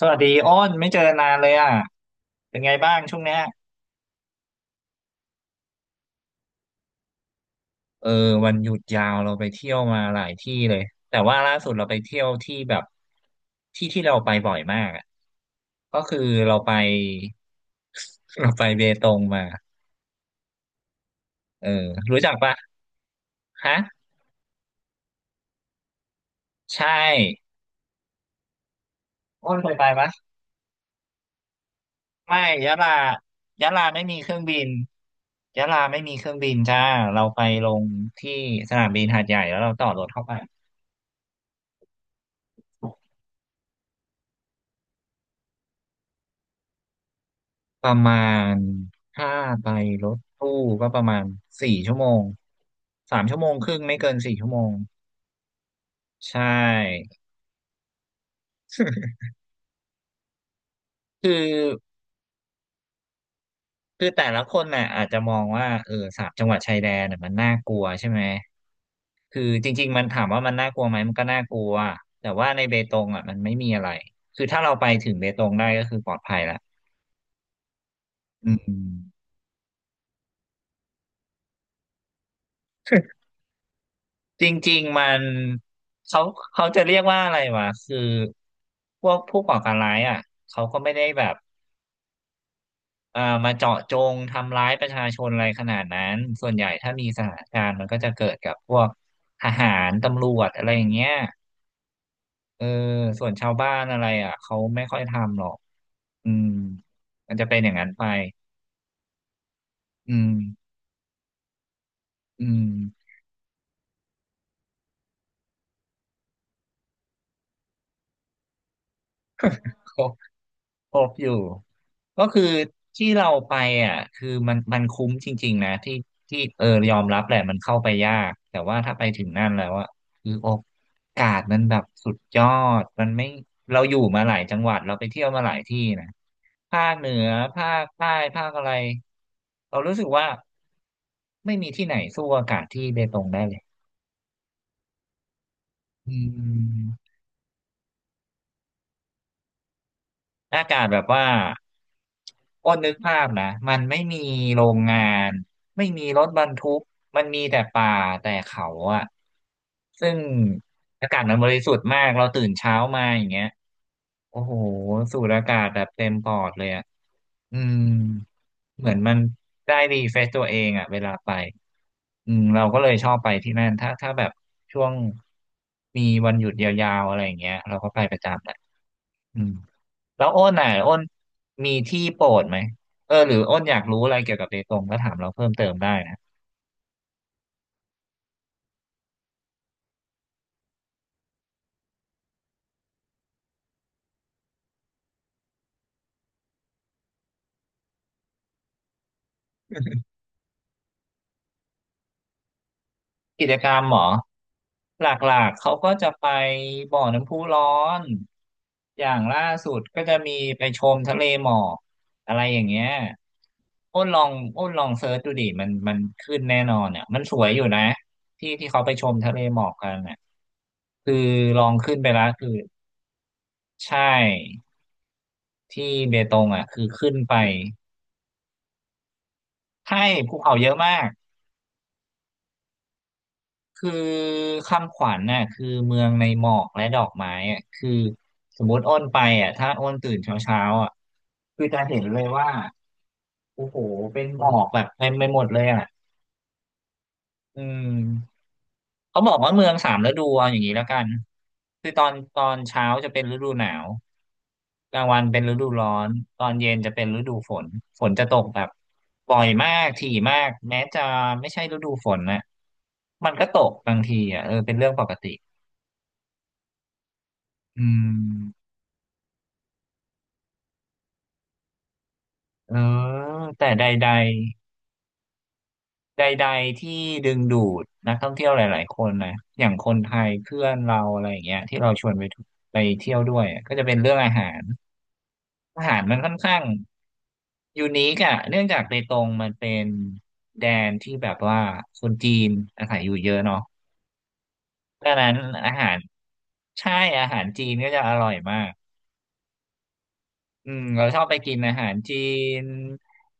สวัสดีอ้นไม่เจอนานเลยอ่ะเป็นไงบ้างช่วงเนี้ยเออวันหยุดยาวเราไปเที่ยวมาหลายที่เลยแต่ว่าล่าสุดเราไปเที่ยวที่แบบที่ที่เราไปบ่อยมากอะก็คือเราไป เราไปเบตงมาเออรู้จักปะฮะใช่อ้นเคยไปปะไม่ยะลายะลาไม่มีเครื่องบินยะลาไม่มีเครื่องบินจ้าเราไปลงที่สนามบินหาดใหญ่แล้วเราต่อรถเข้าไป ประมาณถ้าไปรถตู้ก็ประมาณสี่ชั่วโมงสามชั่วโมงครึ่งไม่เกินสี่ชั่วโมงใช่ คือคือแต่ละคนน่ะอาจจะมองว่าเออสามจังหวัดชายแดนน่ะมันน่ากลัวใช่ไหมคือจริงๆมันถามว่ามันน่ากลัวไหมมันก็น่ากลัวแต่ว่าในเบตงอ่ะมันไม่มีอะไรคือถ้าเราไปถึงเบตงได้ก็คือปลอดภัยละอืม จริงๆมันเขาเขาจะเรียกว่าอะไรวะคือพวกผู้ก่อการร้ายอ่ะเขาก็ไม่ได้แบบมาเจาะจงทำร้ายประชาชนอะไรขนาดนั้นส่วนใหญ่ถ้ามีสถานการณ์มันก็จะเกิดกับพวกทหารตำรวจอะไรอย่างเงี้ยเออส่วนชาวบ้านอะไรอ่ะเขาไม่ค่อยทำหรอกอืมมันจะเป็นอย่างนั้นไปอืมอืม ครบอยู่ก็คือที่เราไปอ่ะคือมันคุ้มจริงๆนะที่ที่เออยอมรับแหละมันเข้าไปยากแต่ว่าถ้าไปถึงนั่นแล้วอ่ะคือโอกาสมันแบบสุดยอดมันไม่เราอยู่มาหลายจังหวัดเราไปเที่ยวมาหลายที่นะภาคเหนือภาคใต้ภาคอะไรเรารู้สึกว่าไม่มีที่ไหนสู้อากาศที่เบตงได้เลยอืม อากาศแบบว่าอ้นนึกภาพนะมันไม่มีโรงงานไม่มีรถบรรทุกมันมีแต่ป่าแต่เขาอะซึ่งอากาศมันบริสุทธิ์มากเราตื่นเช้ามาอย่างเงี้ยโอ้โหสูดอากาศแบบเต็มปอดเลยอะอืมเหมือนมันได้รีเฟรชตัวเองอะเวลาไปอืมเราก็เลยชอบไปที่นั่นถ้าแบบช่วงมีวันหยุดยาวๆอะไรอย่างเงี้ยเราก็ไปประจำแหละอืม แล้วอ้นอ่ะอ้นมีที่โปรดไหมเออหรืออ้นอยากรู้อะไรเกี่ยวกับเบตงก็ถามเราเพิ่มเติมได้นะกิจกรรมเหรอหลักๆเขาก็จะไปบ่อน้ำพุร้อนอย่างล่าสุดก็จะมีไปชมทะเลหมอกอะไรอย่างเงี้ยอ้นลองอ้นลองเซิร์ชดูดิมันขึ้นแน่นอนเนี่ยมันสวยอยู่นะที่ที่เขาไปชมทะเลหมอกกันอ่ะคือลองขึ้นไปแล้วคือใช่ที่เบตงอ่ะคือขึ้นไป ใช่ภูเขาเยอะมากคือคำขวัญน่ะคือเมืองในหมอกและดอกไม้อ่ะคือสมมติอ้นไปอ่ะถ้าอ้นตื่นเช้าเช้าอ่ะคือจะเห็นเลยว่าโอ้โหเป็นหมอกแบบเต็มไปหมดเลยอ่ะอืม เขาบอกว่าเมืองสามฤดูเอาอย่างนี้แล้วกันคือตอนเช้าจะเป็นฤดูหนาวกลางวันเป็นฤดูร้อนตอนเย็นจะเป็นฤดูฝนฝนจะตกแบบบ่อยมากถี่มากแม้จะไม่ใช่ฤดูฝนนะมันก็ตกบางทีอ่ะเออเป็นเรื่องปกติอืมเออแต่ใดใดใดใดๆที่ดึงดูดนักท่องเที่ยวหลายๆคนนะอย่างคนไทยเพื่อนเราอะไรอย่างเงี้ยที่เราชวนไปทุไปเที่ยวด้วยอะก็จะเป็นเรื่องอาหารอาหารมันค่อนข้าง ยูนิคอะเนื่องจากเบตงมันเป็นแดนที่แบบว่าคนจีนอาศัยอยู่เยอะเนาะดังนั้นอาหารใช่อาหารจีนก็จะอร่อยมากอืมเราชอบไปกินอาหารจีน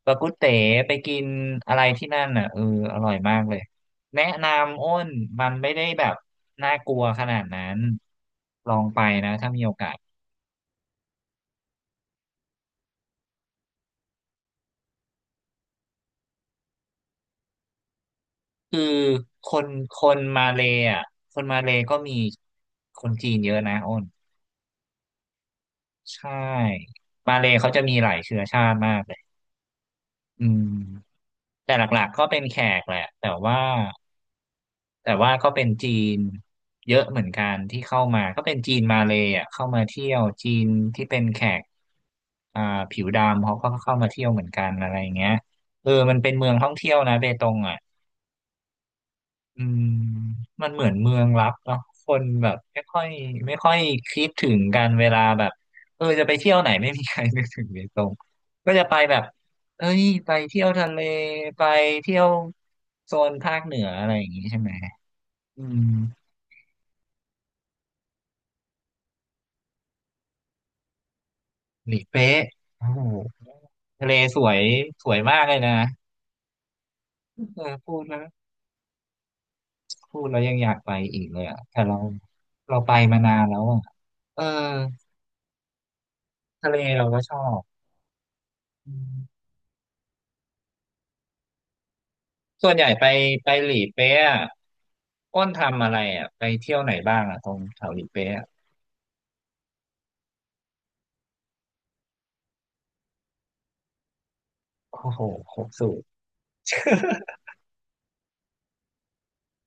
ปากุเต๋ไปกินอะไรที่นั่นอ่ะเอออร่อยมากเลยแนะนำอ้นมันไม่ได้แบบน่ากลัวขนาดนั้นลองไปนะถ้ามีโอกาสคือคนคนมาเลย์อ่ะคนมาเลย์ก็มีคนจีนเยอะนะอ้น ใช่มาเลย์เขาจะมีหลายเชื้อชาติมากเลยอืมแต่หลักๆก็เป็นแขกแหละแต่ว่าก็เป็นจีนเยอะเหมือนกันที่เข้ามาก็เป็นจีนมาเลย์อะเข้ามาเที่ยวจีนที่เป็นแขกอ่าผิวดำเขาก็เข้ามาเที่ยวเหมือนกันอะไรอย่างเงี้ยเออมันเป็นเมืองท่องเที่ยวนะเบตงอ่ะ อืมมันเหมือนเมืองลับเนาะคนแบบไม่ค่อยไม่ค่อยคิดถึงกันเวลาแบบเออจะไปเที่ยวไหนไม่มีใครนึกถึงเลยตรงก็จะไปแบบเอ้ยไปเที่ยวทะเลไปเที่ยวโซนภาคเหนืออะไรอย่างงี้ใช่ไหมอืมหลีเป๊ะโอ้โหทะเลสวยสวยมากเลยนะเออพูดแล้วยังอยากไปอีกเลยอ่ะแต่เราไปมานานแล้วอ่ะเออทะเลเราก็ชอบ ส่วนใหญ่ไปหลีเป๊ะอะอ้นทำอะไรอ่ะไปเที่ยวไหนบ้างอ่ะตรงแถวหลีเป๊ะอะโอ้โหครบสูตร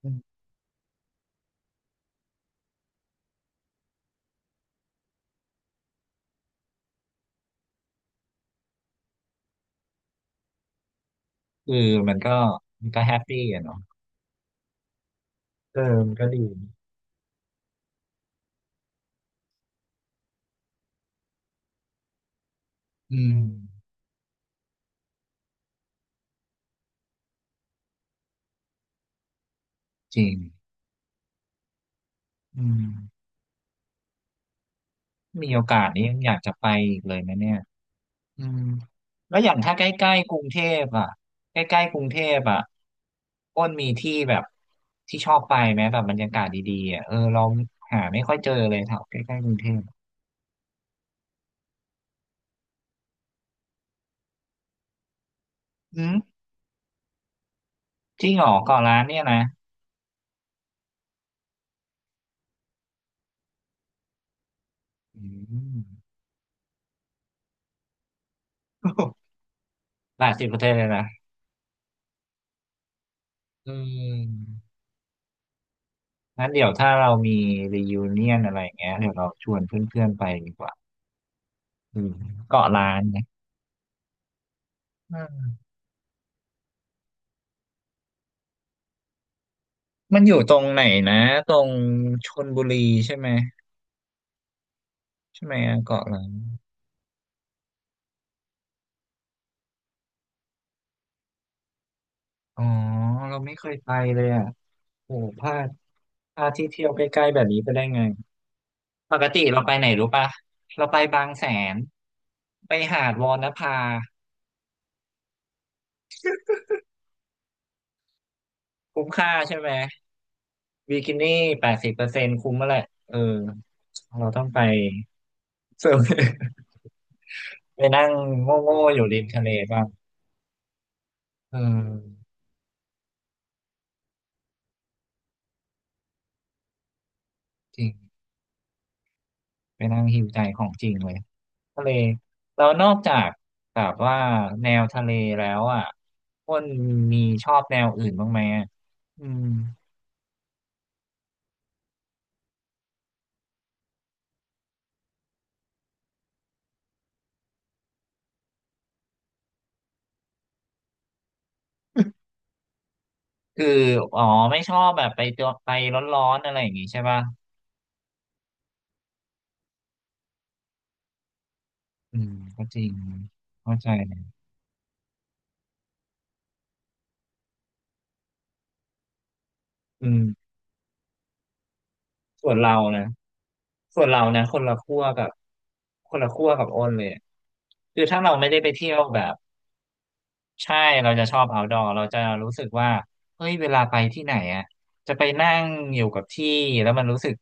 คือมันก็แฮปปี้อะเนาะเออมันก็ดีอืมจริงอืมมีโอกาสนี้ยังอยากจะไปอีกเลยนะเนี่ยอืมแล้วอย่างถ้าใกล้ๆกรุงเทพอ่ะใกล้ๆกรุงเทพอ่ะอ้นมีที่แบบที่ชอบไปไหมแบบบรรยากาศดีๆอ่ะเออเราหาไม่ค่อยเจอเลยแถวใกล้ๆกรุงเทพอืม จริงเหรอเกาะล้านเนี่ยนะอืม หลายสิบประเทศเลยนะอืมงั้นเดี๋ยวถ้าเรามีรียูเนียนอะไรอย่างเงี้ยเดี๋ยวเราชวนเพื่อนๆไปดีกว่าอืมเกาะล้านเนี่ยอืมมันอยู่ตรงไหนนะตรงชลบุรีใช่ไหมอะเกาะล้านอ๋อเราไม่เคยไปเลยอ่ะโอ้พลาดที่เที่ยวใกล้ๆแบบนี้ไปได้ไง ปกติเราไปไหนรู้ปะเราไปบางแสนไปหาดวอนภาคุ้มค่าใช่ไหม บิกินี่80%คุ้มแล้วแหละเออเราต้องไปเสิร์ฟ ไปนั่งโง่ๆอยู่ริมทะเลบ้างเออจริงไปนั่งหิวใจของจริงเลยทะเลเรานอกจากแบบว่าแนวทะเลแล้วอ่ะอ้นมีชอบแนวอื่นบ้างไหมอะอืม คืออ๋อไม่ชอบแบบไปตัวไปร้อนๆอะไรอย่างงี้ใช่ป่ะอืมก็จริงเข้าใจเลยอืม ส่วนเรานะคนละขั้วกับอ้นเลยอะคือถ้าเราไม่ได้ไปเที่ยวแบบใช่เราจะชอบ outdoor เราจะรู้สึกว่าเฮ้ยเวลาไปที่ไหนอ่ะจะไปนั่งอยู่กับที่แล้วมันรู้สึก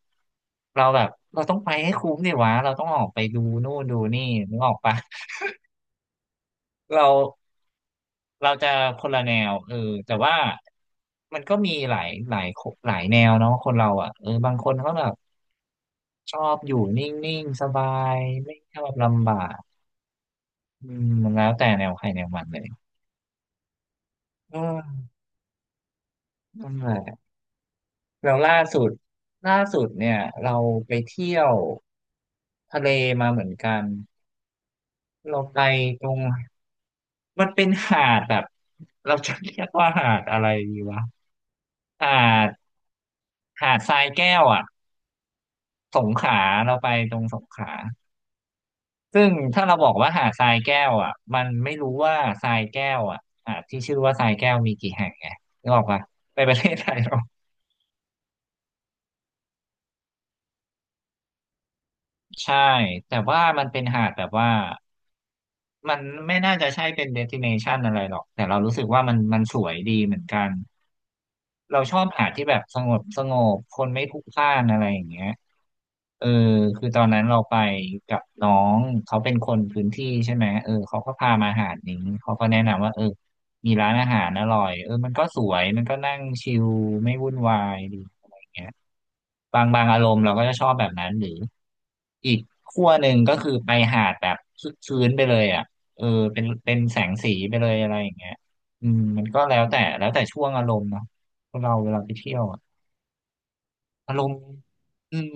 เราแบบเราต้องไปให้คุ้มดิวะเราต้องออกไปดูนู่นดูนี่นึกออกปะ เราจะคนละแนวเออแต่ว่ามันก็มีหลายหลายแนวเนาะคนเราอ่ะเออบางคนเขาแบบ ชอบอยู่นิ่งๆ สบายไม่ชอบลำบากอืมมันแล้วแต่แนวใครแนวมันเลยเออนั่นแหละแล้วล่าสุดเนี่ยเราไปเที่ยวทะเลมาเหมือนกันเราไปตรงมันเป็นหาดแบบเราจะเรียกว่าหาดอะไรดีวะหาดทรายแก้วอ่ะสงขลาเราไปตรงสงขลา ซึ่งถ้าเราบอกว่าหาดทรายแก้วอ่ะมันไม่รู้ว่าทรายแก้วอ่ะหาดที่ชื่อว่าทรายแก้วมีกี่แห่งไงนึกออกปะในประเทศไทยเราใช่แต่ว่ามันเป็นหาดแบบว่ามันไม่น่าจะใช่เป็นเดสติเนชันอะไรหรอกแต่เรารู้สึกว่ามันสวยดีเหมือนกัน เราชอบหาที่แบบสงบคนไม่พลุกพล่านอะไรอย่างเงี้ยเออคือตอนนั้นเราไปกับน้องเขาเป็นคนพื้นที่ใช่ไหมเออเขาก็พามาหาดนี้เขาก็แนะนำว่าเออมีร้านอาหารอร่อยเออมันก็สวยมันก็นั่งชิลไม่วุ่นวายดีอะไรอย่างเงี้ยบางอารมณ์เราก็จะชอบแบบนั้นหรืออีกขั้วหนึ่งก็คือไปหาดแบบชื้นๆไปเลยอ่ะเออเป็นแสงสีไปเลยอะไรอย่างเงี้ยอืมมันก็แล้วแต่ช่วงอารมณ์เนาะ คนเราเวลาไปเที่ยวอะอารมณ์อืม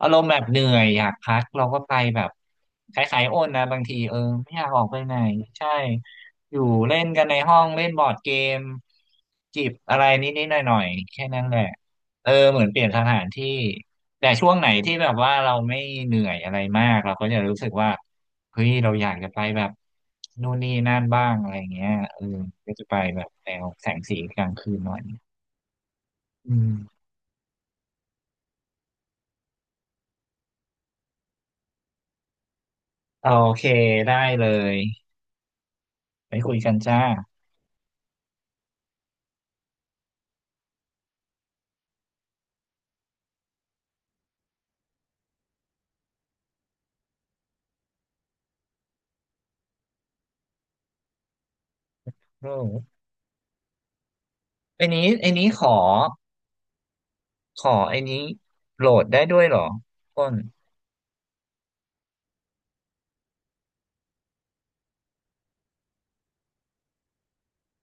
อารมณ์แบบเหนื่อยอยากพักเราก็ไปแบบคล้ายๆโนนะบางทีเออไม่อยากออกไปไหนใช่อยู่เล่นกันในห้องเล่นบอร์ดเกมจิบอะไรนิดๆหน่อยๆแค่นั้นแหละเออเหมือนเปลี่ยนสถานที่แต่ช่วงไหนที่แบบว่าเราไม่เหนื่อยอะไรมากเราก็จะรู้สึกว่าเฮ้ยเราอยากจะไปแบบนู่นนี่นั่นบ้างอะไรเงี้ยเออก็จะไปแบบแนวแสงสีกลางคืนหน่อยอืม โอเคได้เลยไปคุยกันจ้าอืมไอ้นี้ขอไอ้นี้โหลดได้ด้วยเหรอต้น